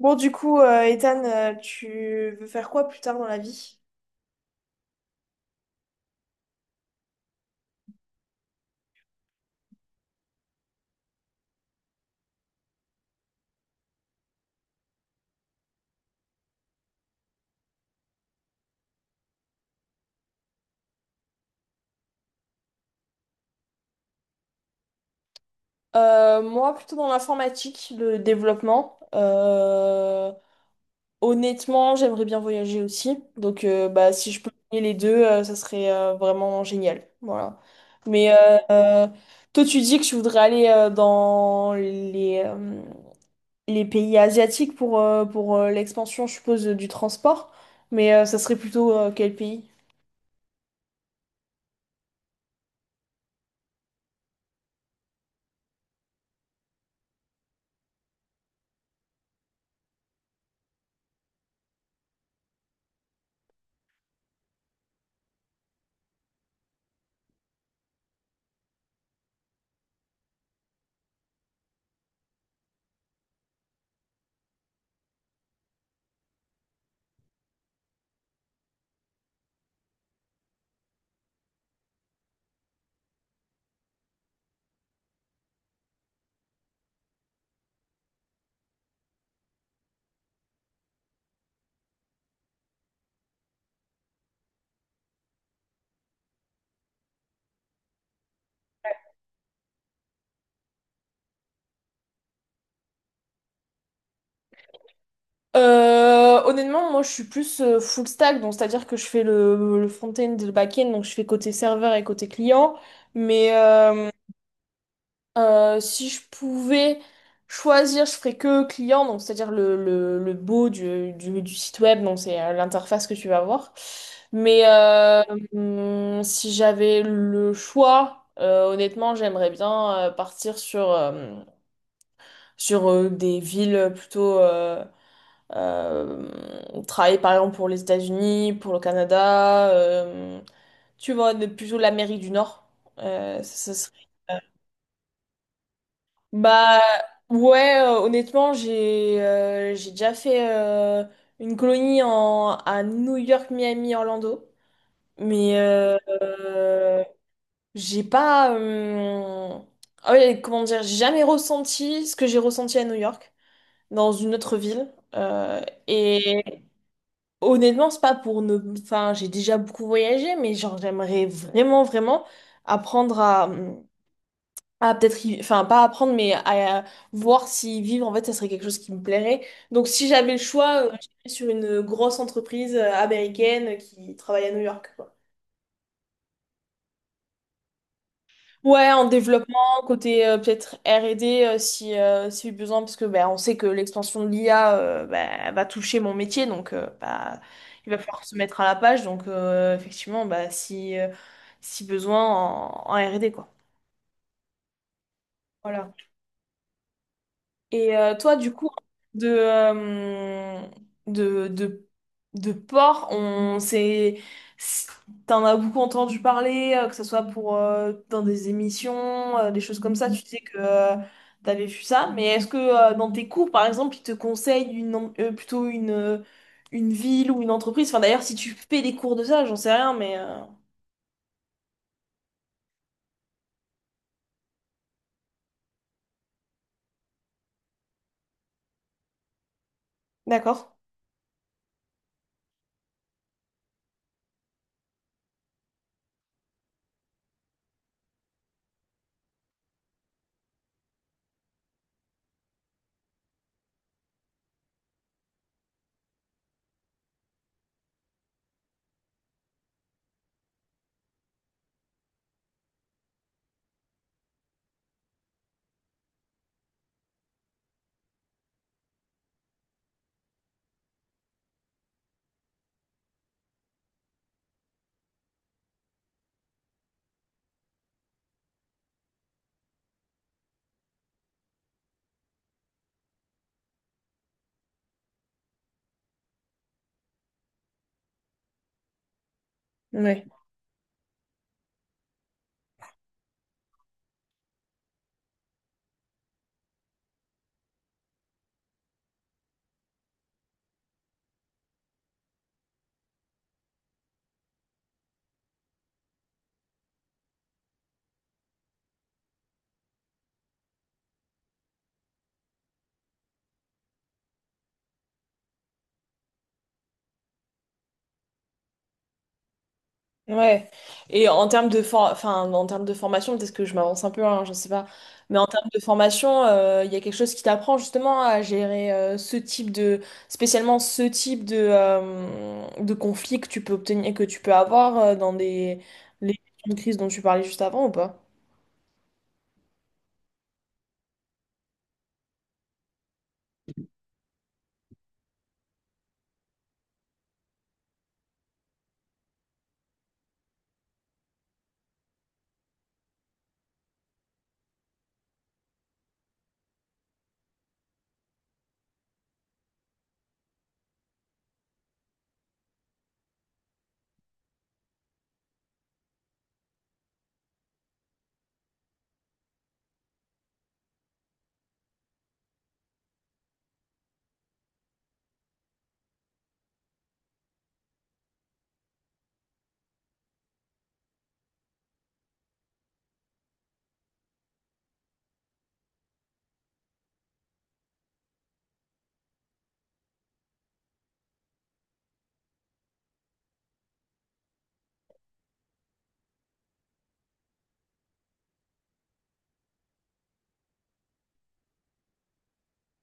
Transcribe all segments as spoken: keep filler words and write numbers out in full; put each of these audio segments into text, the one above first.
Bon, du coup, euh, Ethan, euh, tu veux faire quoi plus tard dans la vie? Euh, moi, plutôt dans l'informatique, le développement. Euh, honnêtement, j'aimerais bien voyager aussi. Donc, euh, bah, si je peux lier les deux, euh, ça serait euh, vraiment génial. Voilà. Mais euh, euh, Toi, tu dis que tu voudrais aller euh, dans les, euh, les pays asiatiques pour, euh, pour euh, l'expansion, je suppose, du transport. Mais euh, ça serait plutôt euh, quel pays? Euh, honnêtement, moi je suis plus euh, full stack, donc c'est-à-dire que je fais le, le front-end et le back-end, donc je fais côté serveur et côté client. Mais euh, euh, Si je pouvais choisir, je ferais que client, donc c'est-à-dire le, le, le beau du, du, du site web, donc c'est euh, l'interface que tu vas voir. Mais euh, hum, Si j'avais le choix, euh, honnêtement, j'aimerais bien euh, partir sur, euh, sur euh, des villes plutôt. euh, euh, Travailler par exemple pour les États-Unis, pour le Canada, euh, tu vois, de- plutôt l'Amérique du Nord. Euh, ça, ça serait- euh, Bah ouais, euh, honnêtement, j'ai euh, j'ai déjà fait euh, une colonie en, à New York, Miami, Orlando, mais euh, euh, j'ai pas, euh, ah ouais, comment dire, j'ai jamais ressenti ce que j'ai ressenti à New York dans une autre ville. Euh, et honnêtement, c'est pas pour ne... Enfin, j'ai déjà beaucoup voyagé, mais genre, j'aimerais vraiment, vraiment apprendre à... à peut-être... y- Enfin, pas apprendre, mais à voir si vivre, en fait, ça serait quelque chose qui me plairait. Donc, si j'avais le choix, euh, j'irais sur une grosse entreprise euh, américaine euh, qui travaille à New York, quoi. Ouais, en développement, côté euh, peut-être R et D euh, si, euh, si besoin, parce que ben on sait que l'expansion de l'I A euh, ben, va toucher mon métier, donc euh, bah, il va falloir se mettre à la page, donc euh, effectivement, bah, si, euh, si besoin en, en R et D, quoi. Voilà. Et euh, toi, du coup, de, euh, de, de, de porc, on s'est, s- t'en as beaucoup entendu parler, euh, que ce soit pour, euh, dans des émissions, euh, des choses comme ça, tu sais que tu t'avais vu ça, mais est-ce que euh, dans tes cours, par exemple, ils te conseillent une, en- euh, plutôt une, euh, une ville ou une entreprise? Enfin, d'ailleurs, si tu fais des cours de ça, j'en sais rien, mais... euh, d'accord. Ouais. Et en termes de for- enfin, en termes de formation, peut-être que je m'avance un peu, hein, je sais pas. Mais en termes de formation, euh, il y a quelque chose qui t'apprend justement à gérer euh, ce type de, spécialement ce type de, euh, de conflit que tu peux obtenir, que tu peux avoir euh, dans des les questions de crise dont tu parlais juste avant ou pas?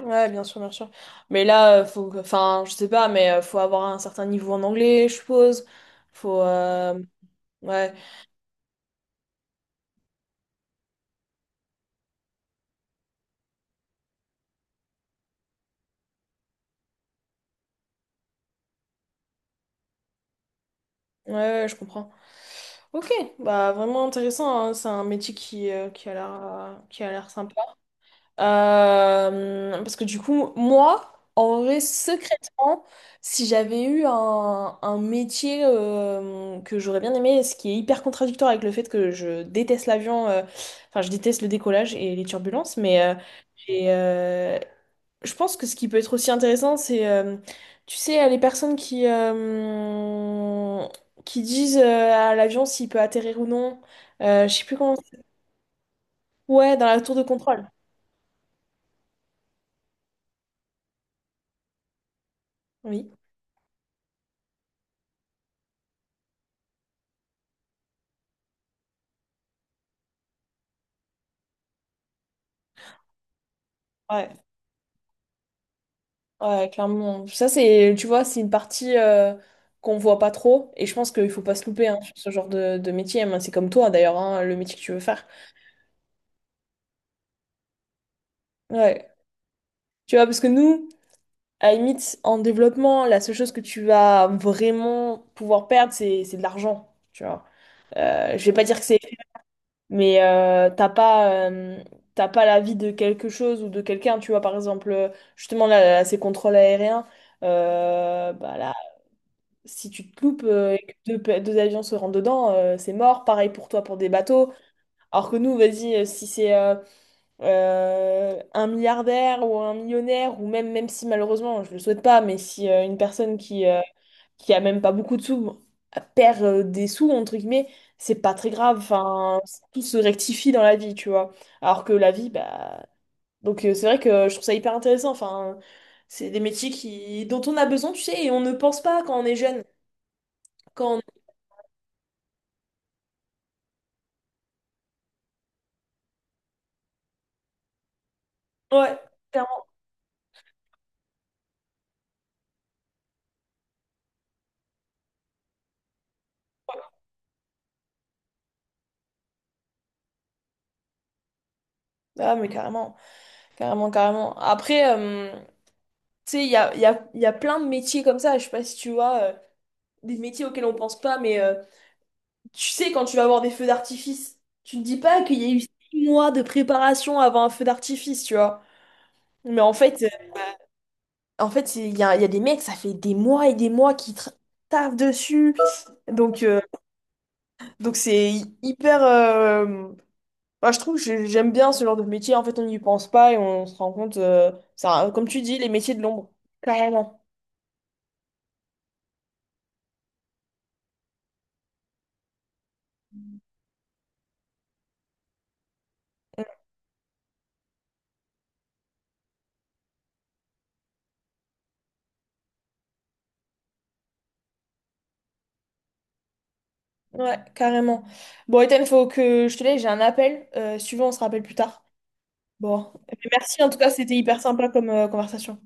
Ouais, bien sûr, bien sûr. Mais là, euh, faut, que- enfin, je sais pas, mais euh, faut avoir un certain niveau en anglais, je suppose. Faut, euh, ouais. Ouais, ouais, je comprends. Ok, bah vraiment intéressant, hein. C'est un métier qui, euh, qui a l'air euh, qui a l'air sympa. Euh, parce que du coup, moi, en vrai, secrètement, si j'avais eu un, un métier euh, que j'aurais bien aimé, ce qui est hyper contradictoire avec le fait que je déteste l'avion, euh, enfin je déteste le décollage et les turbulences, mais euh, j'ai, euh, je pense que ce qui peut être aussi intéressant, c'est, euh, tu sais, les personnes qui, euh, qui disent euh, à l'avion s'il peut atterrir ou non. Euh, je sais plus comment. Ouais, dans la tour de contrôle. Oui. Ouais, ouais, clairement. Ça, c'est, tu vois, c'est une partie euh, qu'on voit pas trop. Et je pense qu'il faut pas se louper hein, sur ce genre de, de métier. Moi, c'est comme toi, d'ailleurs, hein, le métier que tu veux faire. Ouais. Tu vois, parce que nous, à la limite, en développement, la seule chose que tu vas vraiment pouvoir perdre, c'est c'est de l'argent, tu vois. Euh, je vais pas dire que c'est, mais euh, t'as pas, euh, t'as pas l'avis de quelque chose ou de quelqu'un, tu vois, par exemple, euh, justement, là, là, ces contrôles aériens, euh, bah là, si tu te loupes euh, et que deux, pa- deux avions se rentrent dedans, euh, c'est mort. Pareil pour toi pour des bateaux. Alors que nous, vas-y, euh, si c'est euh, euh, un milliardaire ou un millionnaire, ou même, même si malheureusement, je le souhaite pas, mais si euh, une personne qui, euh, qui a même pas beaucoup de sous, perd euh, des sous, entre guillemets, c'est pas très grave. Enfin, tout se rectifie dans la vie, tu vois. Alors que la vie, bah. Donc, euh, c'est vrai que je trouve ça hyper intéressant. Enfin, c'est des métiers qui... dont on a besoin, tu sais, et on ne pense pas quand on est jeune. Quand on- Ouais, clairement. Ah, mais carrément, carrément, carrément. Après, euh, tu sais, il y a, il y a, il y a plein de métiers comme ça. Je sais pas si tu vois, euh, des métiers auxquels on pense pas, mais. euh, tu sais, quand tu vas voir des feux d'artifice, tu ne dis pas qu'il y a eu six mois de préparation avant un feu d'artifice, tu vois. Mais en fait, euh, en fait, c'est- il y a, il y a des mecs, ça fait des mois et des mois qui tra- taffent dessus. Donc, euh, donc c'est hyper. Euh, moi, je trouve que j'ai- j'aime bien ce genre de métier. En fait, on n'y pense pas et on se rend compte. Euh, ça, comme tu dis, les métiers de l'ombre. Carrément. Ouais, carrément. Bon, Ethan, faut que je te laisse, j'ai un appel. Euh, si tu veux, on se rappelle plus tard. Bon. Merci, en tout cas, c'était hyper sympa comme euh, conversation.